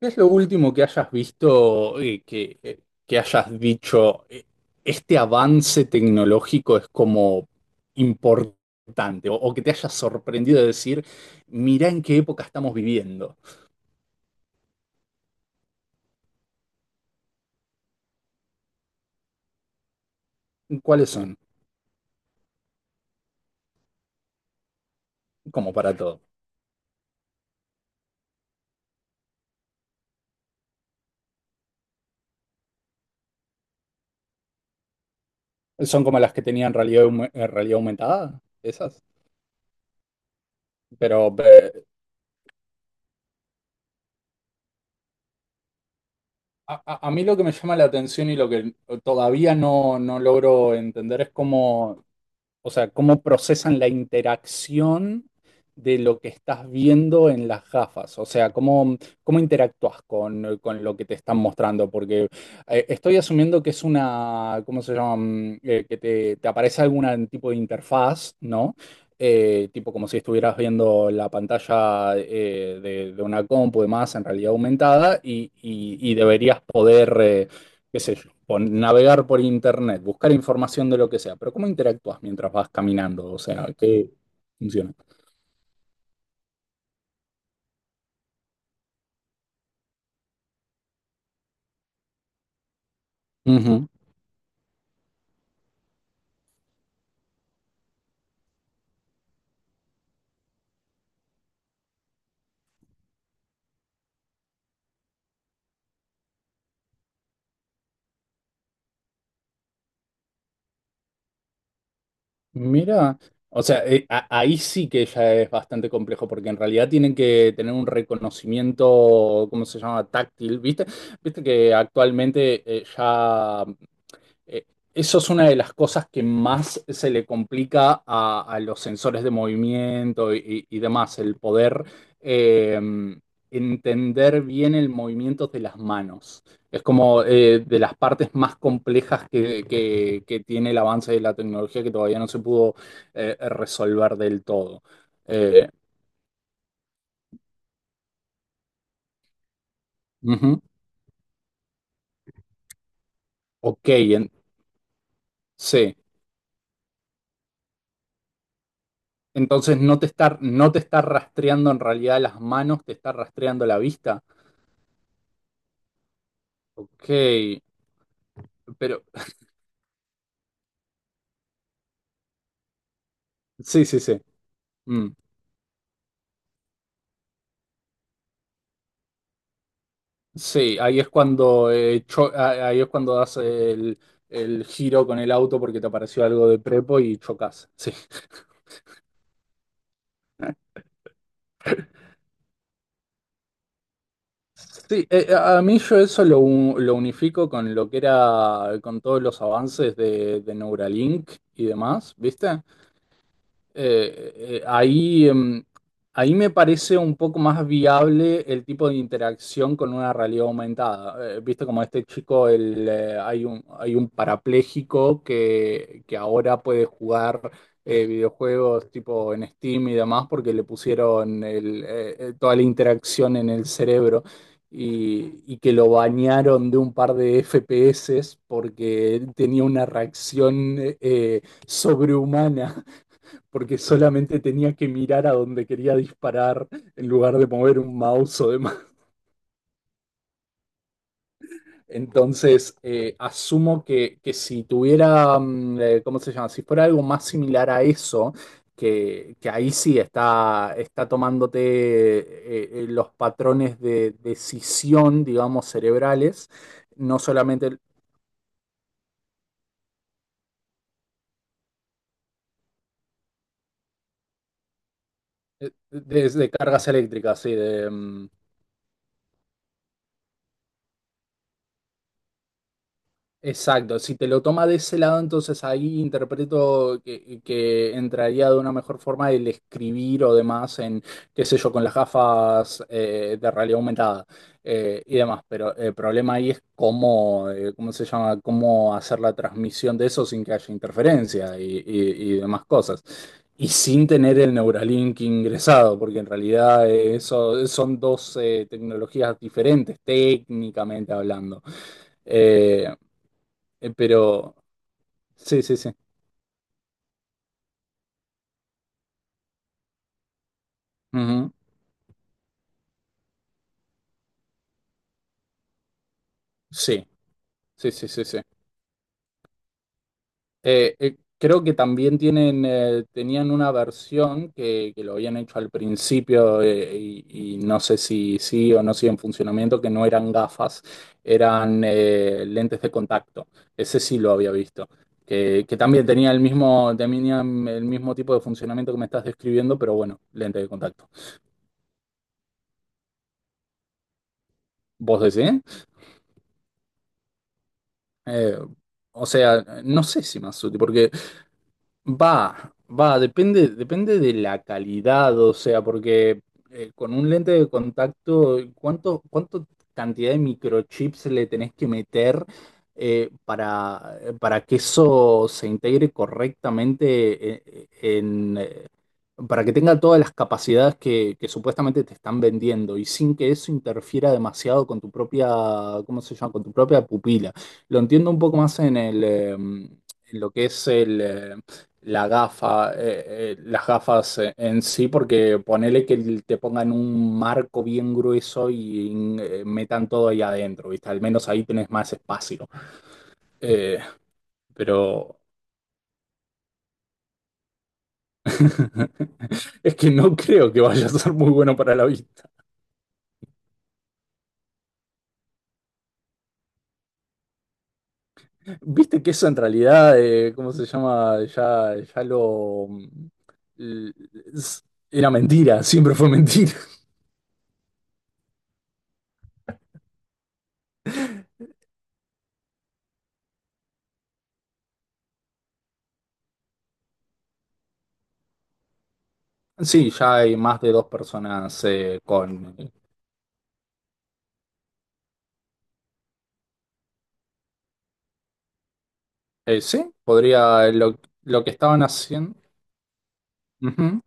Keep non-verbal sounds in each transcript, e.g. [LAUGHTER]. ¿Qué es lo último que hayas visto que hayas dicho, este avance tecnológico es como importante o que te haya sorprendido de decir, mirá en qué época estamos viviendo? ¿Cuáles son? Como para todo. ¿Son como las que tenían realidad, realidad aumentada? Esas. Pero a mí lo que me llama la atención y lo que todavía no logro entender es cómo, o sea, cómo procesan la interacción de lo que estás viendo en las gafas, o sea, cómo interactúas con lo que te están mostrando, porque estoy asumiendo que es una, ¿cómo se llama? Que te aparece algún tipo de interfaz, ¿no? Tipo como si estuvieras viendo la pantalla de una compu y demás en realidad aumentada y y- deberías poder... qué sé yo, por navegar por internet, buscar información de lo que sea, pero ¿cómo interactúas mientras vas caminando? O sea, ¿qué funciona? Ujú. Mira, o sea, ahí sí que ya es bastante complejo, porque en realidad tienen que tener un reconocimiento, ¿cómo se llama? Táctil, ¿viste? Viste que actualmente Eh, eso es una de las cosas que más se le complica a los sensores de movimiento y demás, el poder eh, entender bien el movimiento de las manos. Es como de las partes más complejas que tiene el avance de la tecnología que todavía no se pudo resolver del todo. Eh, ujú, ok, sí. Entonces no te está, no te está rastreando en realidad las manos, te está rastreando la vista. Ok, pero sí, sí, sí. Mm. Sí, ahí es cuando ahí es cuando das el giro con el auto porque te apareció algo de prepo y chocas. Sí. Sí, a mí yo eso lo, lo unifico con lo que era, con todos los avances de Neuralink y demás, ¿viste? Eh, eh, ahí, em, ahí me parece un poco más viable el tipo de interacción con una realidad aumentada. Viste como este chico, hay un parapléjico que ahora puede jugar videojuegos tipo en Steam y demás porque le pusieron toda la interacción en el cerebro. Y que lo bañaron de un par de FPS porque él tenía una reacción sobrehumana porque solamente tenía que mirar a donde quería disparar en lugar de mover un mouse o demás. [LAUGHS] Entonces, asumo que, si tuviera, ¿cómo se llama? Si fuera algo más similar a eso, que ahí sí está, está tomándote los patrones de decisión, digamos, cerebrales, no solamente de cargas eléctricas, sí, de... mm, exacto, si te lo toma de ese lado, entonces ahí interpreto que entraría de una mejor forma el escribir o demás en, qué sé yo, con las gafas de realidad aumentada y demás. Pero el problema ahí es cómo, ¿cómo se llama? Cómo hacer la transmisión de eso sin que haya interferencia y y- demás cosas. Y sin tener el Neuralink ingresado, porque en realidad eso, son dos tecnologías diferentes, técnicamente hablando. Eh, pero, sí, sí, sí. Ujú. Sí, sí, sí, sí, sí. Creo que también tienen, tenían una versión que lo habían hecho al principio y no sé si sí o no sigue en funcionamiento, que no eran gafas, eran lentes de contacto. Ese sí lo había visto. Que también tenía el mismo, tenían el mismo tipo de funcionamiento que me estás describiendo, pero bueno, lente de contacto. ¿Vos decís? Eh, o sea, no sé si más útil, porque va, va, depende, depende de la calidad, o sea, porque con un lente de contacto, ¿cuánto cantidad de microchips le tenés que meter para que eso se integre correctamente en, eh, para que tenga todas las capacidades que supuestamente te están vendiendo y sin que eso interfiera demasiado con tu propia, ¿cómo se llama? Con tu propia pupila. Lo entiendo un poco más en el, en lo que es el... la gafa, las gafas en sí, porque ponele que te pongan un marco bien grueso y metan todo ahí adentro, ¿viste? Al menos ahí tenés más espacio. Eh, pero [LAUGHS] es que no creo que vaya a ser muy bueno para la vista. Viste que eso en realidad, ¿cómo se llama? Ya, ya lo... l- s- era mentira, [LAUGHS] siempre fue mentira. [LAUGHS] Sí, ya hay más de dos personas con sí, podría. Lo que estaban haciendo. Ujú.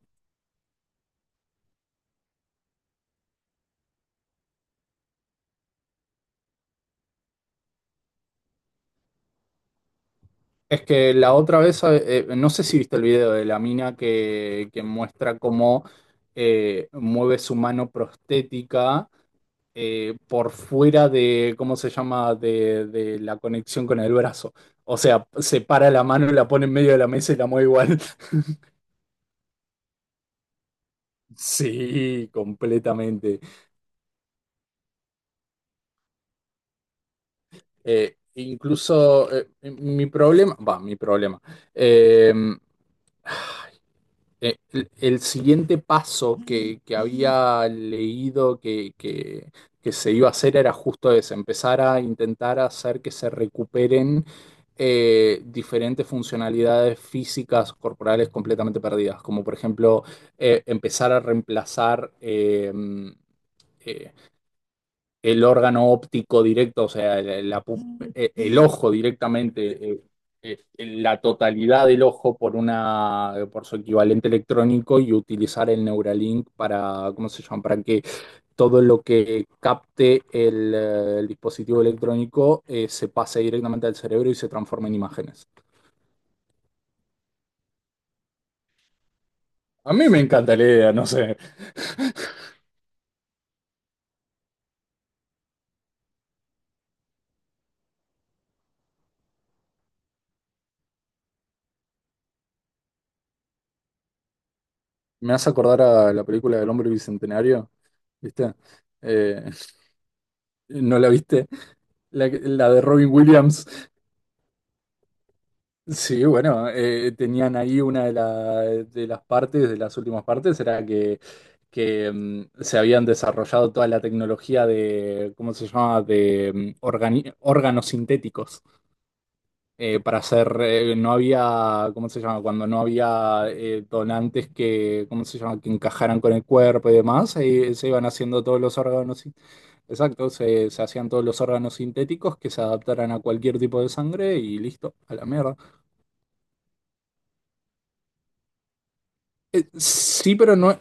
Es que la otra vez, no sé si viste el video de la mina que muestra cómo mueve su mano prostética por fuera de, ¿cómo se llama?, de la conexión con el brazo. O sea, separa la mano, la pone en medio de la mesa y la mueve igual. [LAUGHS] Sí, completamente. Incluso mi problema, va, mi problema. Eh, el siguiente paso que había leído que se iba a hacer era justo ese, empezar a intentar hacer que se recuperen diferentes funcionalidades físicas corporales completamente perdidas, como por ejemplo empezar a reemplazar eh, el órgano óptico directo, o sea, la el- ojo directamente, la totalidad del ojo por una, por su equivalente electrónico y utilizar el Neuralink para, ¿cómo se llama? Para que todo lo que capte el dispositivo electrónico se pase directamente al cerebro y se transforme en imágenes. A mí me encanta la idea, no sé. Me hace acordar a la película del hombre bicentenario, ¿viste? Eh, [LAUGHS] ¿no la viste? La de Robin Williams. Sí, bueno, tenían ahí una de, de las partes, de las últimas partes, era que, se habían desarrollado toda la tecnología de, ¿cómo se llama?, de órganos sintéticos para hacer, no había, ¿cómo se llama?, cuando no había donantes ¿cómo se llama?, que encajaran con el cuerpo y demás, se iban haciendo todos los órganos, exacto, se hacían todos los órganos sintéticos que se adaptaran a cualquier tipo de sangre y listo, a la mierda. Eh, sí, pero no,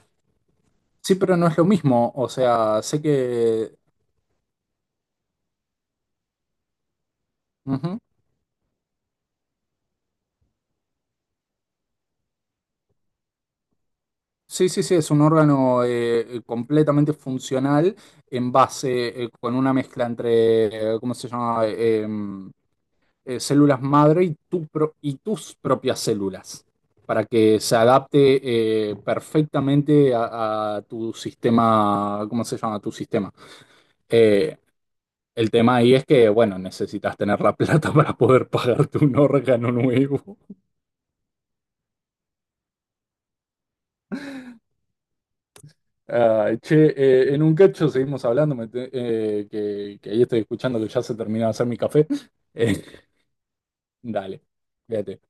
sí, pero no es lo mismo. O sea, sé que... ujú. Sí, sí, sí, es un órgano completamente funcional en base, con una mezcla entre, ¿cómo se llama? Células madre y, y tus propias células, para que se adapte perfectamente a tu sistema, ¿cómo se llama? Tu sistema. Eh, el tema ahí es que, bueno, necesitas tener la [LAUGHS] plata para poder pagarte un órgano nuevo. Ah, che, en un cacho seguimos hablando, que ahí estoy escuchando que ya se terminó de hacer mi café. [LAUGHS] Eh, dale, fíjate.